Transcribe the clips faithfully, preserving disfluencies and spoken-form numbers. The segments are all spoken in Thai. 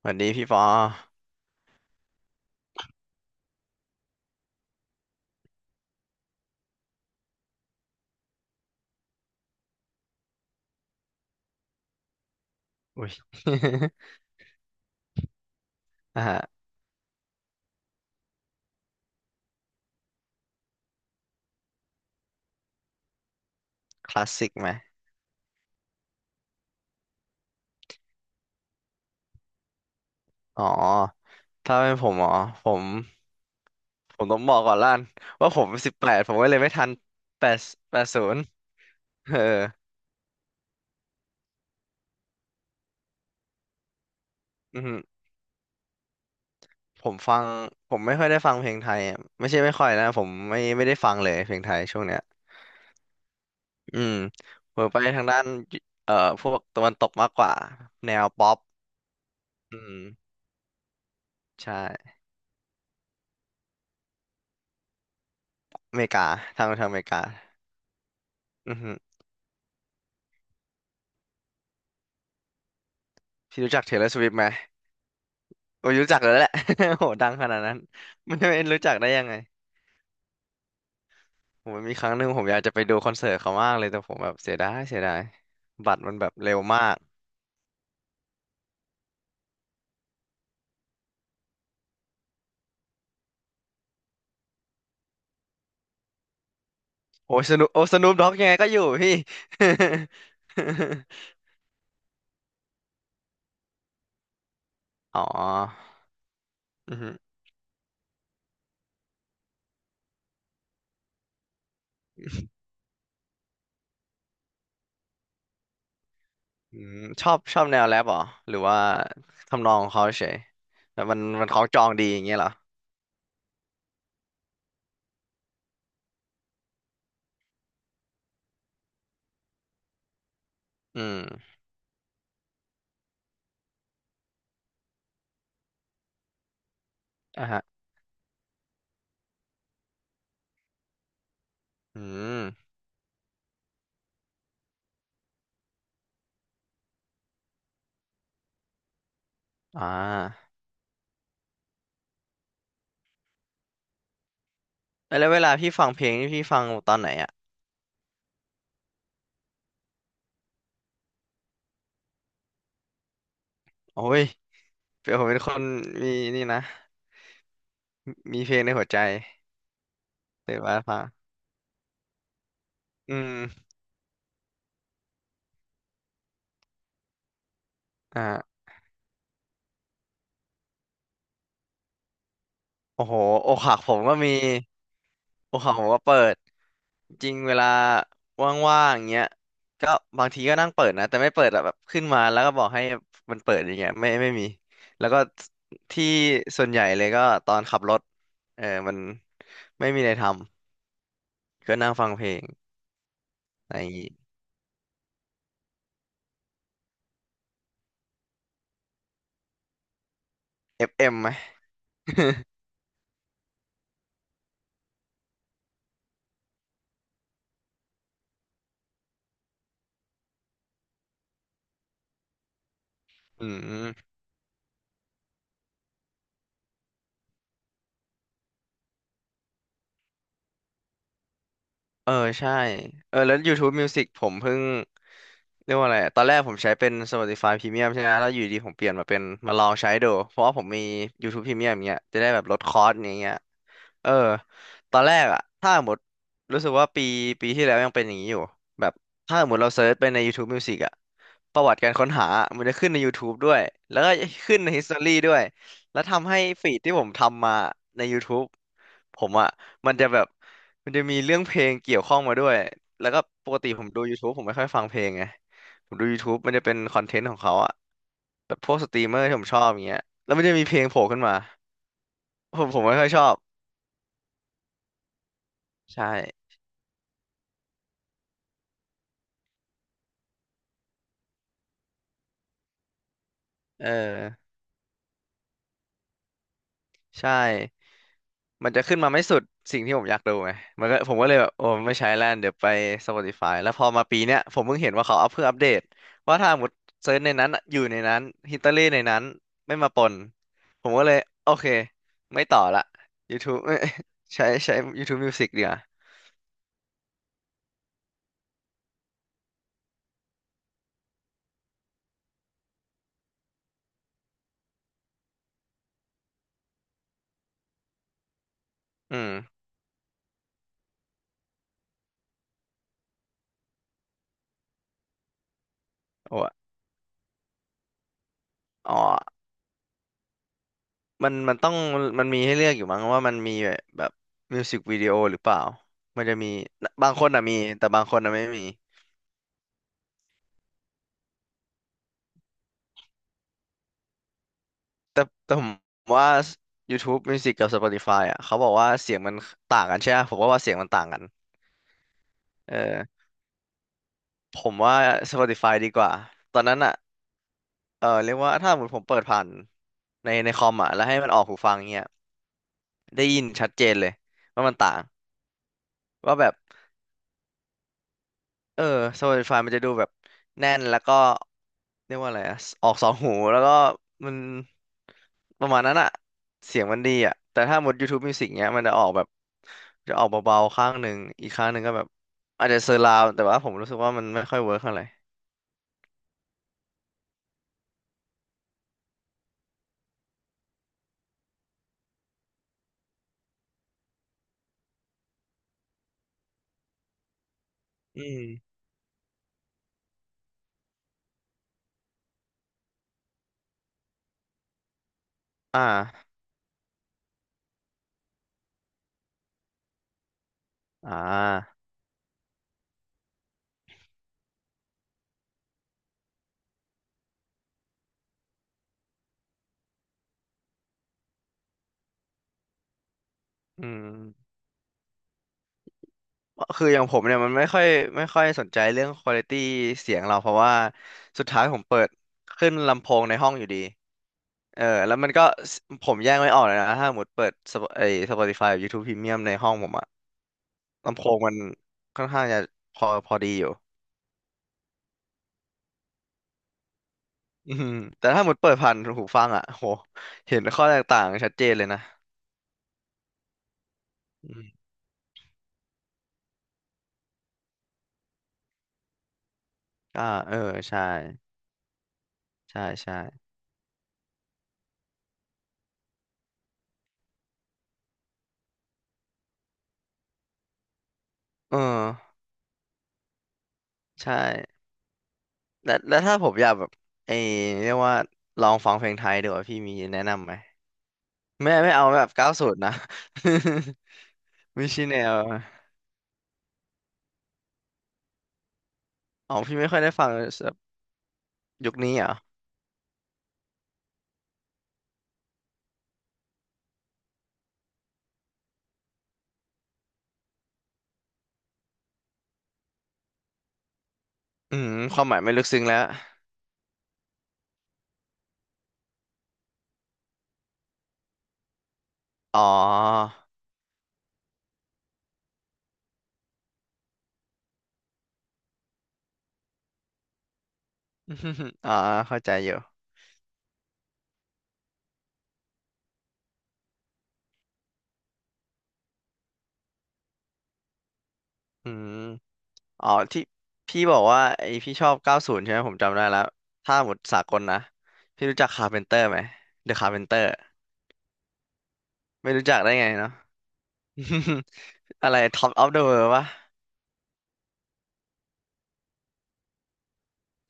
สวัสดีพี่ปออุ้ย อ่าฮะคลาสสิกไหมอ๋อถ้าเป็นผมอ๋อผมผมต้องบอกก่อนล้านว่าผมสิบแปดผมก็เลยไม่ทันแปดแปดศูนย์เอออืมผมฟังผมไม่ค่อยได้ฟังเพลงไทยอะไม่ใช่ไม่ค่อยนะผมไม่ไม่ได้ฟังเลยเพลงไทยช่วงเนี้ย อืมผมไปทางด้านเอ่อพวกตะวันตกมากกว่าแนวป๊อปอืมใช่อเมริกาทางทางอเมริกาอือฮึพี่รู้จักเทย์เลอร์สิไหม โอ้ยรู้จักแล้วแหละ โหดังขนาดนั้นมันจะไม่รู้จักได้ยังไงผมมีครั้งหนึ่งผมอยากจะไปดูคอนเสิร์ตเขามากเลยแต่ผมแบบเสียดายเสียดายบัตรมันแบบเร็วมากโอ้ยสนุโอ้สนุปด็อกยังไงก็อยู่พี่ อ๋ออือหืออืมชอบชอบแนวแรปเหรอหรือว่าทำนองของเขาเฉยแล้วมันมันคล้องจองดีอย่างเงี้ยเหรออืมอ่ะฮะอืมอ่าแล้วเวลาพี่ฟังเพลงนี่พี่ฟังตอนไหนอ่ะโอ้ยเปียผมเป็นคนมีนี่นะ มีเพลงในหัวใจเปิดว่าฟังอืมอ่าโอ้โหอกหักผมก็มีอกหักผมก็เปิด จริงเวลาว่างๆอย่างเงี้ยก็บางทีก็นั่งเปิดนะ แต่ไม่เปิดอะแบบขึ้นมาแล้วก็บอกให้มันเปิดอย่างเงี้ยไม่ไม่มีแล้วก็ที่ส่วนใหญ่เลยก็ตอนขับรถเออมันไม่มีอะไรทำก็นั่งฟังเพลงใน เอฟ เอ็ม ไหม อืมเออใช่เออแล้ว YouTube Music ผมเพิ่ง เรียกว่าอะไรอะตอนแรกผมใช้เป็น Spotify Premium ใช่ไหมแล้วอยู่ดีผมเปลี่ยนมาเป็นมาลองใช้ดู เพราะว่าผมมี YouTube Premium อย่างเงี้ยจะได้แบบลดคอสอย่างเงี้ย เออตอนแรกอะถ้าหมดรู้สึกว่าปีปีที่แล้วยังเป็นอย่างนี้อยู่แบบถ้าหมดเราเซิร์ชไปใน YouTube Music อะประวัติการค้นหา มันจะขึ้นใน YouTube ด้วยแล้วก็ขึ้นใน History ด้วยแล้วทำให้ฟีดที่ผมทำมาใน YouTube ผมอะมันจะแบบมันจะมีเรื่องเพลงเกี่ยวข้องมาด้วยแล้วก็ปกติผมดู YouTube ผมไม่ค่อยฟังเพลงไงผมดู YouTube มันจะเป็นคอนเทนต์ของเขาอะแบบพวกสตรีมเมอร์ที่ผมชอบอย่างเงี้ยแล้วมันจะมีเพลงโผล่ขึ้นมาผมผมไม่ค่อยชอบใช่เออ ใช่ มันจะขึ้นมาไม่สุดสิ่งที่ผมอยากดูไงมันก็ผมก็เลยแบบโอ้ไม่ใช้แล้วเดี๋ยวไป Spotify แล้วพอมาปีเนี้ยผมเพิ่งเห็นว่าเขาอัพเพื่ออัปเดตว่าถ้าหมดเซิร์ชในนั้นอะอยู่ในนั้นฮิตเตอรี่ในนั้นไม่มาปนผมก็เลยโอเคไม่ต่อละ YouTube เอ้ยใช้ใช้ YouTube Music ดีกว่าอืมโอ้อะอ๋อมันมันต้องมันมีให้เลือกอยู่มั้งว่ามันมีแบบมิวสิกวิดีโอหรือเปล่ามันจะมีบางคนอะมีแต่บางคนอะไม่มี แต่แต่ผมว่า YouTube Music กับ Spotify อ่ะเขาบอกว่าเสียงมันต่างกันใช่ไหมผมก็ว่าเสียงมันต่างกันเออผมว่า Spotify ดีกว่าตอนนั้นอ่ะเออเรียกว่าถ้าสมมติผมเปิดผ่านในในคอมอ่ะแล้วให้มันออกหูฟังเงี้ยได้ยินชัดเจนเลยว่ามันต่างว่าแบบ เออโซลิดไฟมันจะดูแบบแน่นแล้วก็เรียกว่าอะไรอะออกสองหูแล้วก็มันประมาณนั้นอะเสียงมันดีอะแต่ถ้าหมด YouTube Music เนี้ยมันจะออกแบบจะออกเบาๆข้างหนึ่งอีกข้างหนึ่งก็แบบอาจจะเซอร์ราวด์แต่ว่าผมรู้สึกว่ามันไม่ค่อยเวิร์คเท่าไหร่อืมอ่าอ่าอืมคืออย่างผมเนี่ยมันไม่ค่อยไม่ค่อยสนใจเรื่องควอลิตี้เสียงเราเพราะว่าสุดท้ายผมเปิดขึ้นลำโพงในห้องอยู่ดี เออแล้วมันก็สผมแยกไม่ออกเลยนะถ้าสมมติเปิด Sp- ไอ้ Spotify กับ YouTube Premium ในห้องผมอะลำโพงมันค่อนข้างจะพอพอดีอยู่อืมแต่ถ้าหมดเปิดผ่านหูฟังอ่ะโหเห็นข้อแตกต่างชัดเจนเลยนะอืมอ่าเออใช่ใช่ใช่เออใช่แล้วแล้วถ้าผมอยากแบบไอ้เรียกว่าลองฟังเพลงไทยดีกว่าพี่มีแนะนำไหมไม่ไม่เอาแบบเก้าศูนย์นะ ไม่ใช่แนวอ๋อพี่ไม่ค่อยได้ฟังแบบยุคนี้เหรอ อืมความหมายไม่ลึกซึ้งแล้วอ๋อ อ๋อเข้าใจอยู่อืมอ๋อที่พี่บอกว่าไอพี่ชอบเก้าศูนย์ใช่ไหมผมจำได้แล้วถ้าหมดสากลนะพี่รู้จักคาร์เพนเตอร์ไหมเดอะคาร์เพนเตอร์ไม่รู้จักได้ไงเนาะ อะไรท็อปออฟเดอะเวปะ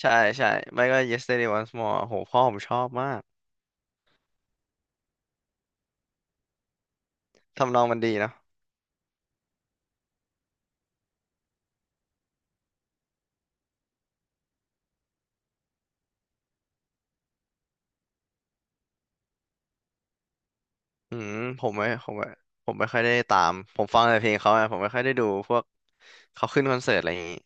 ใช่ใช่ไม่ก็ Yesterday Once More โหพ่อผมชอบมากทำนองมันดีเนาะอืมผมไม่ผมไม่ผมไม่ค่อยได้ตามผมฟังแต่เพลงเขาอะผมไม่ค่อยได้ดูพวกเขาขึ้นคอนเสิร์ตอะไรอย่างงี้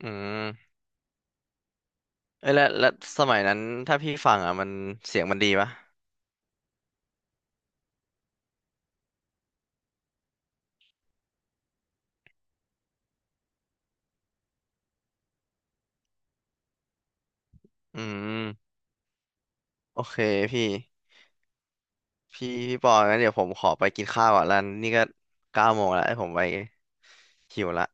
อืม เอ้ยแล้วแล้วสมัยนั้นถ้าพี่ฟังอ่ะมันเสียงมันดีปะอืมโอเคพี่พี่พี่ปองั้นเดี๋ยวผมขอไปกินข้าวก่อนแล้วนี่ก็เก้าโมงแล้วให้ผมไปหิวละ